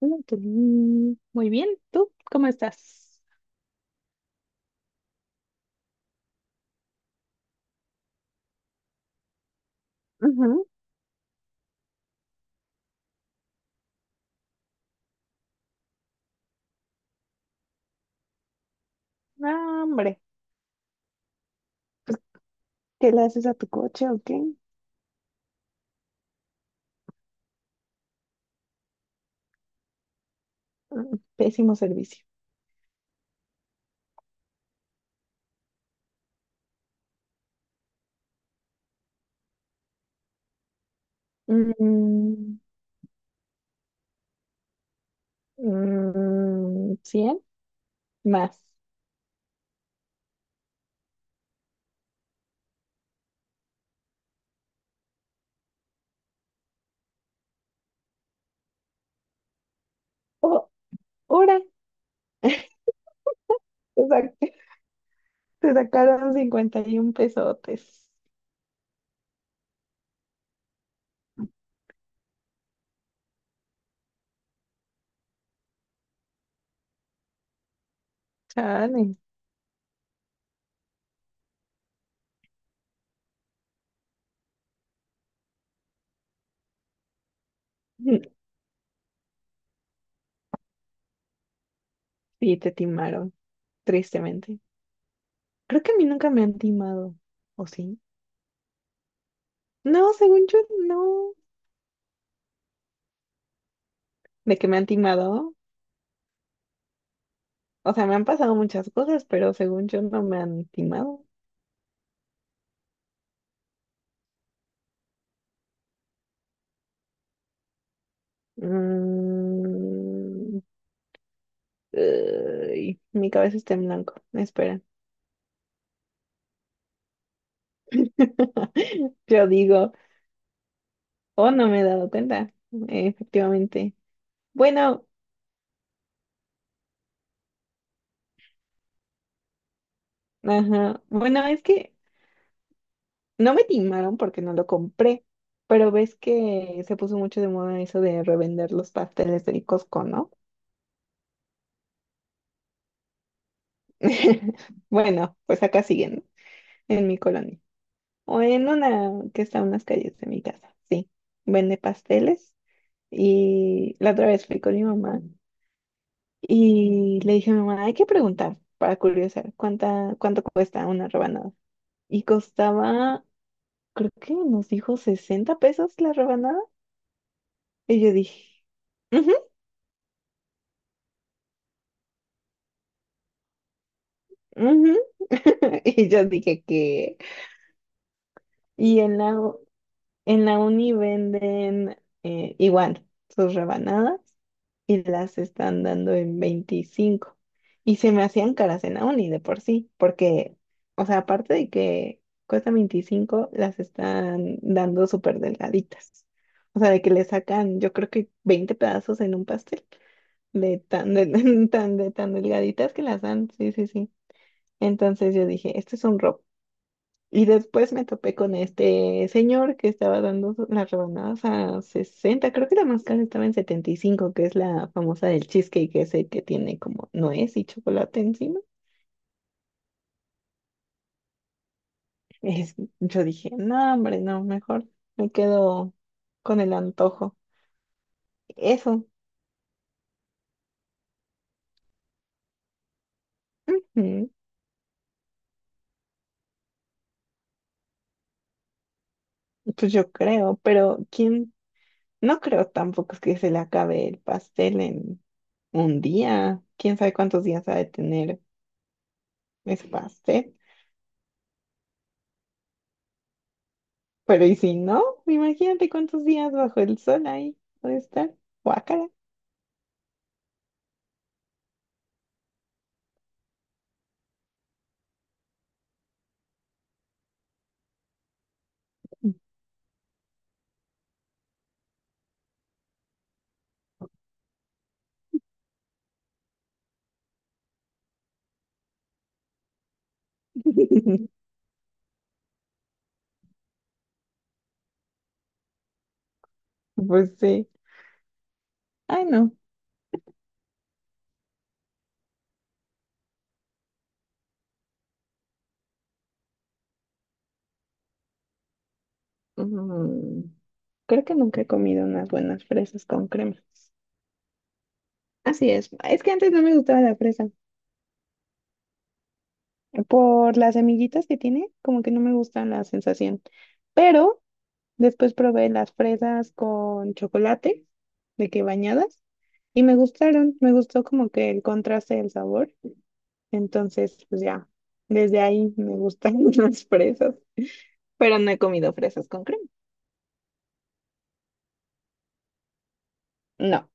Qué bien. Muy bien, ¿tú cómo estás? Ujú. No, hombre, ¿qué le haces a tu coche o qué? Mm, Pésimo servicio. Mm, 100 más. Oh, hora. Te sa- Te sacaron 51 pesotes. Chale. Mm, Sí, te timaron, tristemente. Creo que a mí nunca me han timado, ¿o sí? No, según yo, no. ¿De que me han timado? O sea, me han pasado muchas cosas, pero según yo no me han timado. Mm, Ay, mi cabeza está en blanco. Espera. Yo digo, oh, no me he dado cuenta. Efectivamente. Bueno, ajá. Bueno, es que no me timaron porque no lo compré. Pero ves que se puso mucho de moda eso de revender los pasteles del Costco, ¿no? Bueno, pues acá siguen, ¿no? En mi colonia. O en una que está a unas calles de mi casa, sí. Vende pasteles y la otra vez fui con mi mamá y le dije a mi mamá, hay que preguntar para curiosar cuánta, cuánto cuesta una rebanada. Y costaba, creo que nos dijo 60 pesos la rebanada. Y yo dije, "Ujú, ujú". Y yo dije que... Y en la, En la uni venden igual sus rebanadas y las están dando en veinticinco. Y se me hacían caras en la uni de por sí, porque, o sea, aparte de que cuesta 25, las están dando súper delgaditas. O sea, de que le sacan, yo creo que 20 pedazos en un pastel, de tan, de, de tan delgaditas que las dan. Sí, sí, sí. Entonces yo dije, este es un robo. Y después me topé con este señor que estaba dando las rebanadas a sesenta, creo que la más cara estaba en setenta y cinco, que es la famosa del cheesecake, que es el que tiene como nuez y chocolate encima. Es- yo dije, no, hombre, no, mejor me quedo con el antojo. Eso, mm, pues yo creo, pero quién, no creo tampoco que se le acabe el pastel en un día. ¿Quién sabe cuántos días ha de tener ese pastel? Pero y si no, imagínate cuántos días bajo el sol ahí puede estar. Guácala. Pues sí. Ay, no. Mm, Creo que nunca he comido unas buenas fresas con crema. Así es. Es que antes no me gustaba la fresa. Por las semillitas que tiene, como que no me gusta la sensación. Pero después probé las fresas con chocolate, de que bañadas, y me gustaron. Me gustó como que el contraste del sabor. Entonces, pues ya, desde ahí me gustan las fresas, pero no he comido fresas con crema. No.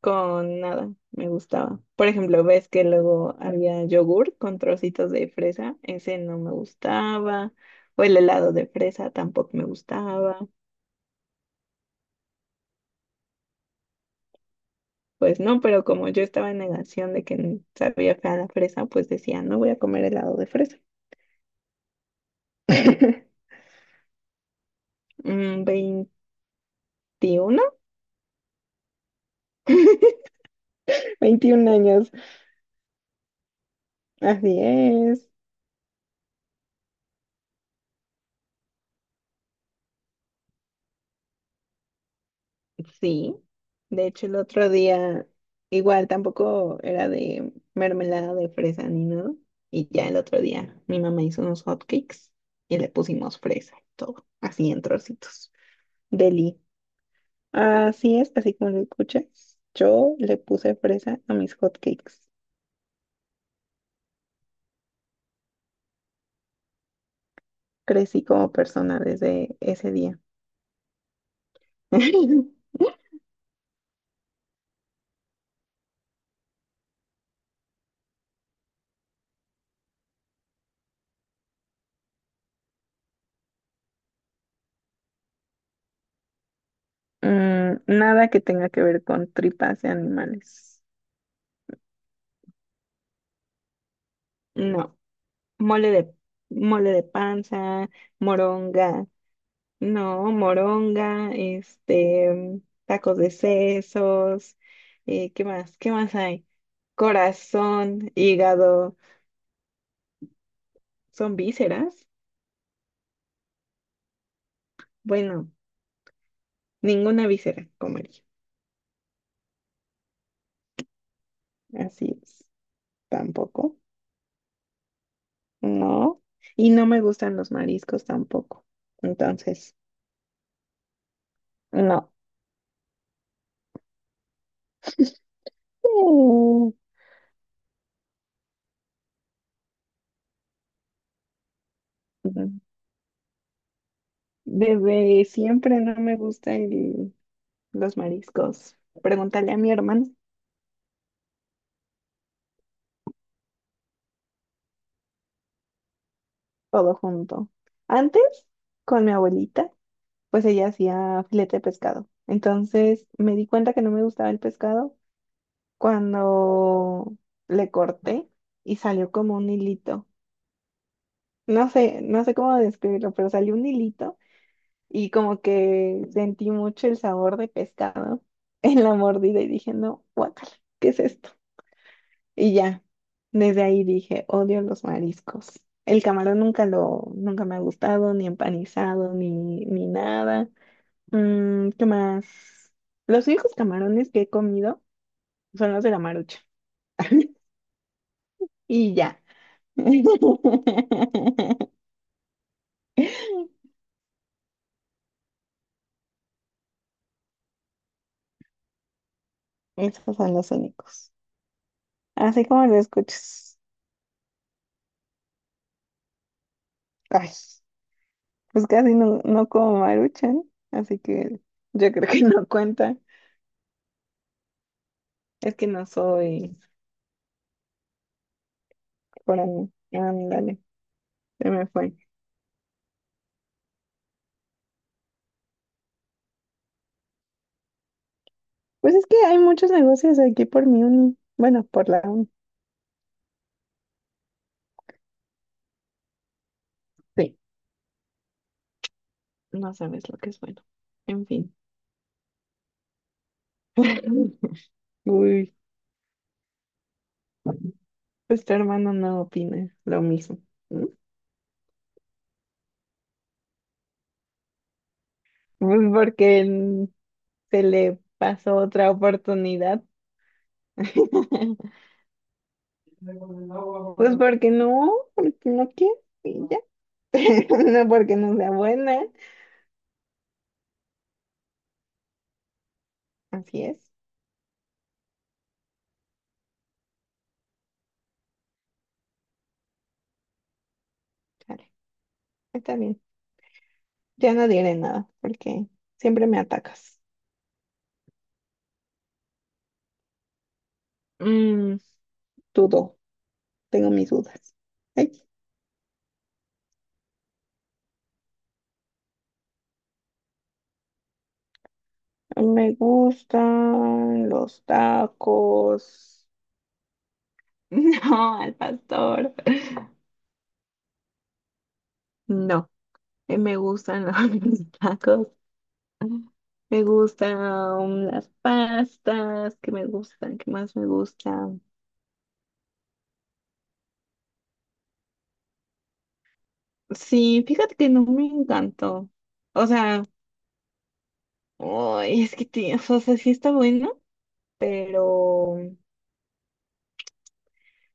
Con nada, me gustaba. Por ejemplo, ves que luego había yogur con trocitos de fresa, ese no me gustaba, o el helado de fresa tampoco me gustaba. Pues no, pero como yo estaba en negación de que sabía fea la fresa, pues decía, no voy a comer helado de fresa. Mm, Veintiuno. 21 años. Así es. Sí, de hecho el otro día igual tampoco era de mermelada de fresa ni nada. Y ya el otro día mi mamá hizo unos hotcakes y le pusimos fresa y todo, así en trocitos. Deli. Así es, así como lo escuchas. Yo le puse fresa a mis hotcakes. Crecí como persona desde ese día. Nada que tenga que ver con tripas de animales. No. Mole de, mole de panza, moronga, no, moronga, tacos de sesos, ¿qué más? ¿Qué más hay? Corazón, hígado, ¿son vísceras? Bueno, ninguna víscera comería, así es, tampoco, no, y no me gustan los mariscos tampoco, entonces, no. Mm, Desde siempre no me gusta los mariscos. Pregúntale a mi hermano, todo junto. Antes, con mi abuelita, pues ella hacía filete de pescado. Entonces me di cuenta que no me gustaba el pescado cuando le corté y salió como un hilito. No sé, no sé cómo describirlo, pero salió un hilito y como que sentí mucho el sabor de pescado en la mordida y dije, no, guácala, ¿qué es esto? Y ya, desde ahí dije, odio los mariscos. El camarón nunca lo, nunca me ha gustado, ni empanizado, ni, ni nada. ¿Qué más? Los únicos camarones que he comido son los de la Marucha. Y ya. Esos son los únicos. Así como lo escuchas. Ay, pues casi no, no como Maruchan, así que yo creo que no cuenta. Es que no soy por ahí. Ándale. Se me fue. Pues es que hay muchos negocios aquí por mi uni. Bueno, por la uni. Sí, no sabes lo que es bueno. En fin. Uy, pues tu hermano no opina lo mismo, ¿no? Pues porque él se le pasó otra oportunidad. Pues porque no quiere y ya. No porque no sea buena. Así es. Vale, está bien. Ya no diré nada porque siempre me atacas. Mm, Dudo. Tengo mis dudas. Ay, me gustan los tacos. No, al pastor. No, me gustan los tacos. Me gustan las pastas que me gustan, que más me gustan. Sí, fíjate que no me encantó. O sea, ay, es que tiene- o sea, sí está bueno, pero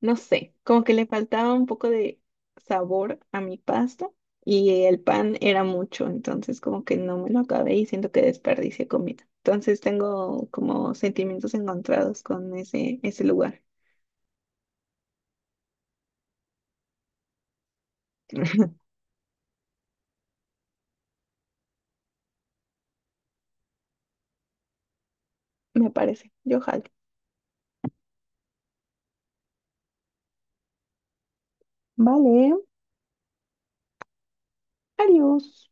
no sé, como que le faltaba un poco de sabor a mi pasta y el pan era mucho, entonces como que no me lo acabé y siento que desperdicié comida. Entonces tengo como sentimientos encontrados con ese, ese lugar, me parece. Yo jalo. Vale, adiós.